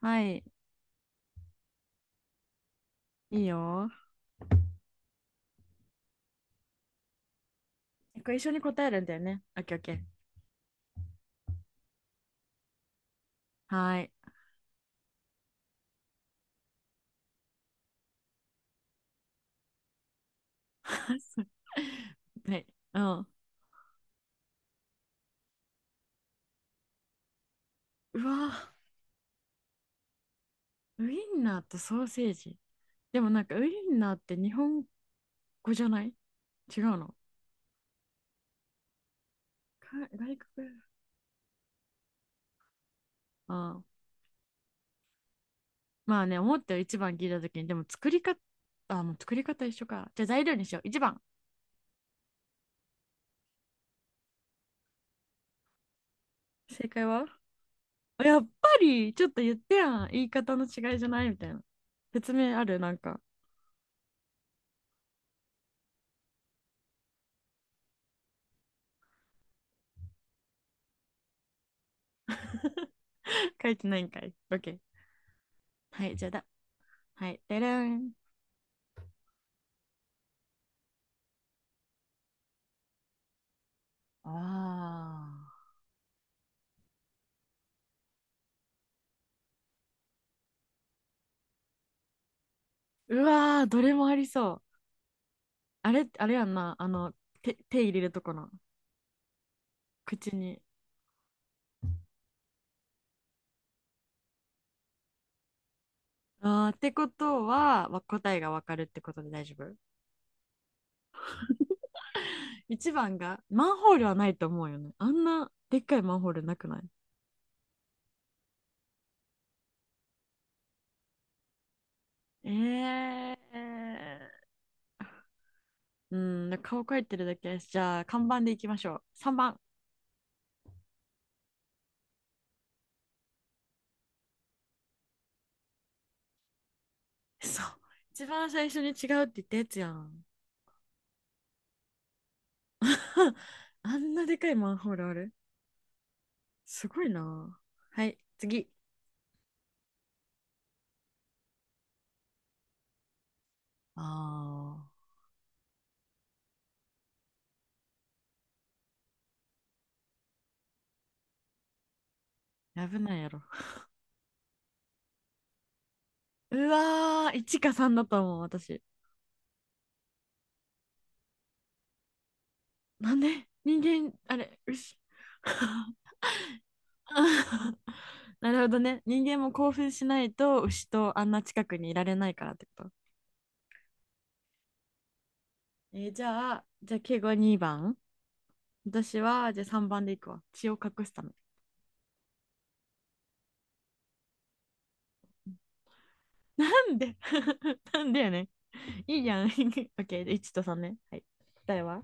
はい。いいよ。これ一緒に答えるんだよね。オッケーオッケー。はーい。そう。はい。うん。うわ、ウインナーとソーセージ。でもなんかウインナーって日本語じゃない？違うのか外国？ああ。まあね、思ったよ。一番聞いたときに。でも作り方、あ、もう作り方一緒か。じゃあ材料にしよう。一番。正解は？あ、やっぱり、ちょっと言ってやん。言い方の違いじゃないみたいな。説明あるなんか。書いてないんかい。オッケー。はい、じゃあだ。はい。でれん。ああ。うわー、どれもありそう。あれ、あれやんな。手入れるとこの、口に。あーってことは、答えがわかるってことで大丈夫。一番が、マンホールはないと思うよね。あんなでっかいマンホールなくない？えー。うん、顔描いてるだけやし。じゃあ、看板でいきましょう。3番。そう。一番最初に違うって言ったやつやん。あんなでかいマンホールある？すごいな。はい、次。ああ、危ないやろ。うわー、いちかさんだと思う、私。なんで人間、あれ、牛。なるほどね。人間も興奮しないと牛とあんな近くにいられないからってこと。じゃあ、敬語2番。私は、じゃあ3番でいくわ。血を隠すため。なんで なんでやねいいいやん。オッケー、1と3ね。はい。答えは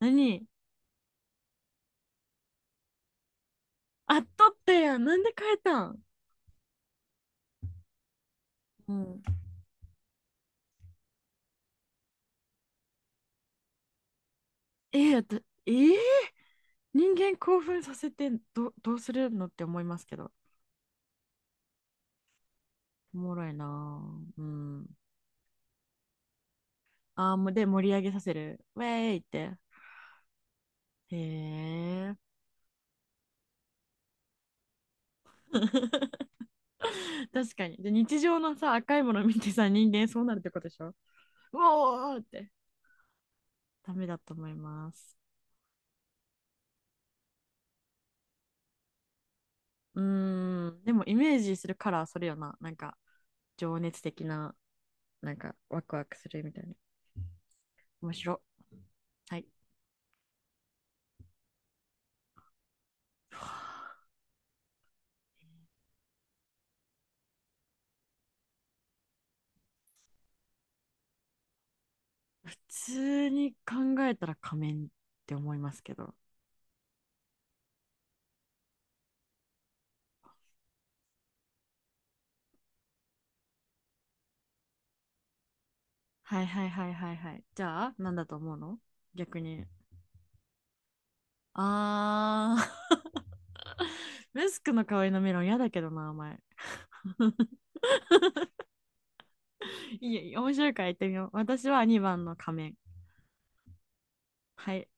何？あっとったやん。なんで変えたん？うん。ええだえー人間興奮させてどうするのって思いますけど。おもろいなぁ。うん。ああ、もうで盛り上げさせる。ウェーイって。へえ。確かに。で、日常のさ、赤いもの見てさ、人間そうなるってことでしょう？おーって。ダメだと思います。うーん。でも、イメージするカラー、それよな。なんか、情熱的な、なんか、ワクワクするみたいな。面白。はい。普通に考えたら仮面って思いますけど。はいはいはいはいはい。じゃあ、なんだと思うの？逆に。あー ムスクの香りのメロン嫌だけどな、お前。いいよ、面白いから言ってみよう。私は2番の仮面。はい。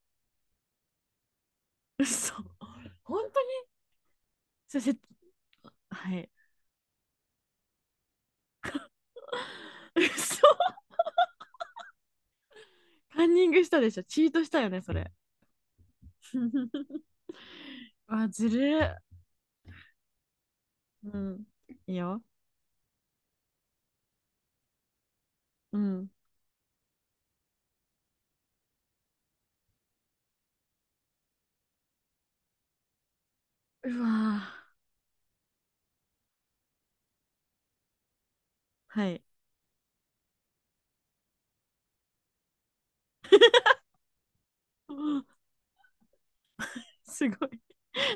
嘘。本当に？そせ、はい。嘘。カンニングしたでしょ。チートしたよね、それ。あ、ずるっ。うん。いいよ。うん。うわー。はい。うん。すごい。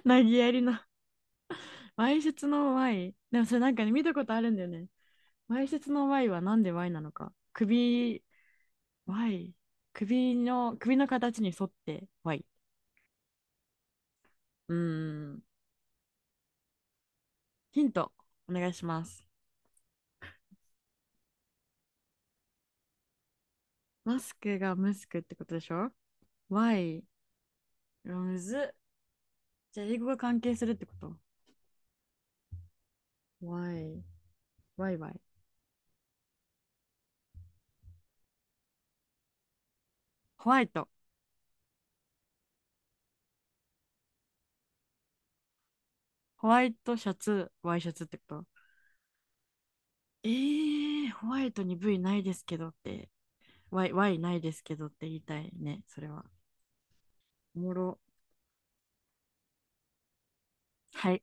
なぎやりの。わいせつの Y。でもそれなんかね、見たことあるんだよね。わいせつの Y はなんで Y なのか。首、Y。首の形に沿って Y。うーん。ヒント、お願いします。マスクがムスクってことでしょ？ Y。うわむずっ。じゃあ、英語が関係するってこと？ Y。Y、Y。ホワイト。ホワイトシャツ、ワイシャツってこと？ホワイトに V ないですけどって Y Y ないですけどって言いたいね、それは。おもろ。はい。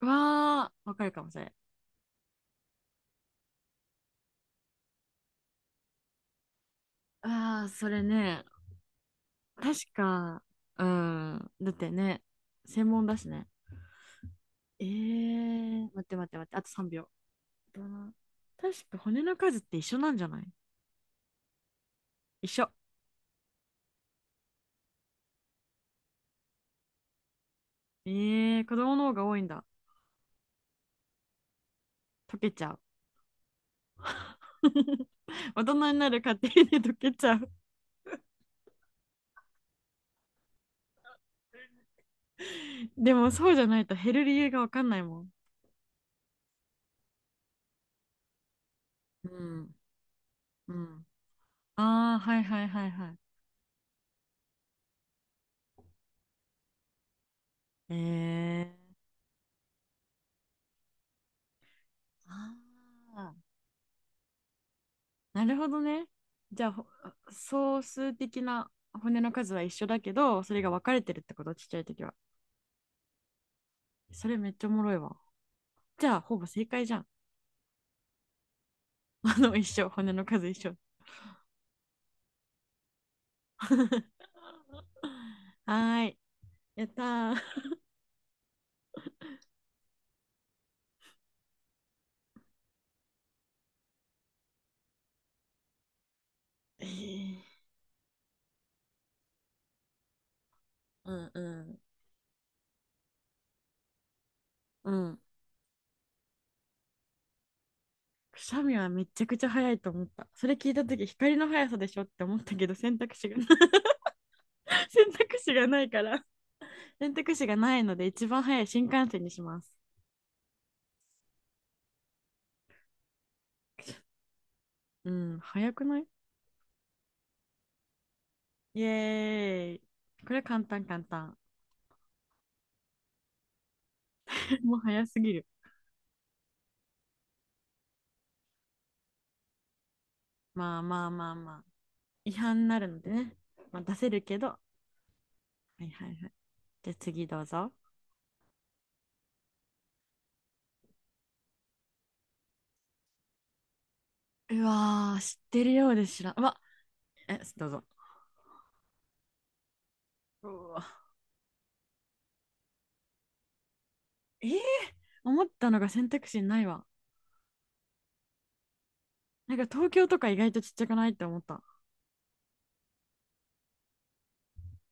わーわかるかもしれん。あー、それね。確か、うん。だってね、専門だしね。待って待って待って、あと3秒。どう？確か骨の数って一緒なんじゃない？一緒。えー、子供の方が多いんだ。溶けちゃう。大人になる過程で溶けちゃう。でもそうじゃないと減る理由がわかんないもん。うん。うん。ああ、はいはいはいはい。えー、あーなるほどね。じゃあ、総数的な骨の数は一緒だけど、それが分かれてるってこと、ちっちゃい時は。それめっちゃおもろいわ。じゃあ、ほぼ正解じゃん。一緒、骨の数一緒。はーい、やったー。えーうんうん。うん。くしゃみはめちゃくちゃ早いと思った。それ聞いた時光の速さでしょって思ったけど、選択肢が 選択肢がないから選択肢がないので、一番早い新幹線にします。うん、早くない？イエーイ。これ簡単簡単。もう早すぎる。まあまあまあまあ。違反になるのでね。まあ、出せるけど。はいはいはい。じゃあ次どうぞ。うわー、知ってるようで知らん。うわ。どうぞ。うわ、えー思ったのが選択肢ないわ。なんか東京とか意外とちっちゃくないって思った。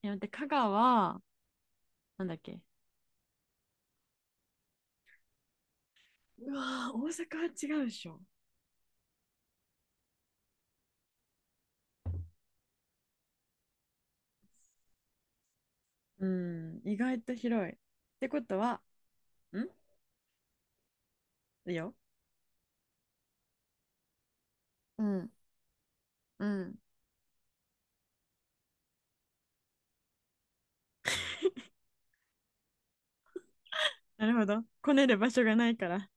いや、待って、香川、なんだっけ。うわー、大阪は違うでしょ。うん、意外と広い。ってことは、ん。いいよ。うん、うん。なるほど。こねる場所がないから。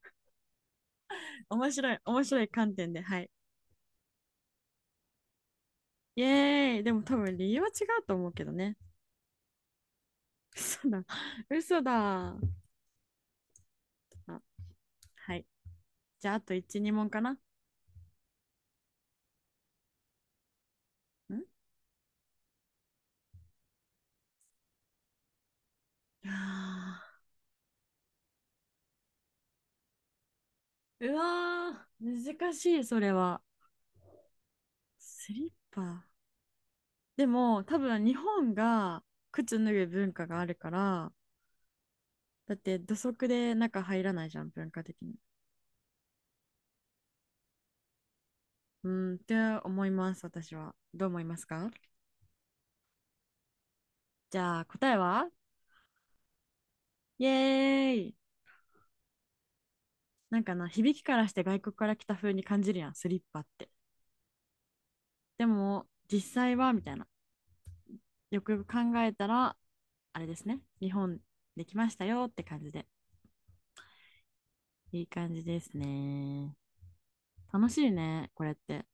面白い、面白い観点で、はい。イエーイ。でも多分理由は違うと思うけどね。嘘だ。嘘だ。あ、はい。じゃあ、あと1、2問かな。ん、あうわー、難しい、それは。スリッパ。でも、多分日本が靴脱ぐ文化があるから、だって土足で中入らないじゃん、文化的に。うーん、って思います、私は。どう思いますか？じゃあ、答えは？イエーイ。なんかな、響きからして外国から来た風に感じるやん、スリッパって。でも、実際はみたいな。よくよく考えたら、あれですね。日本できましたよって感じで。いい感じですね。楽しいね、これって。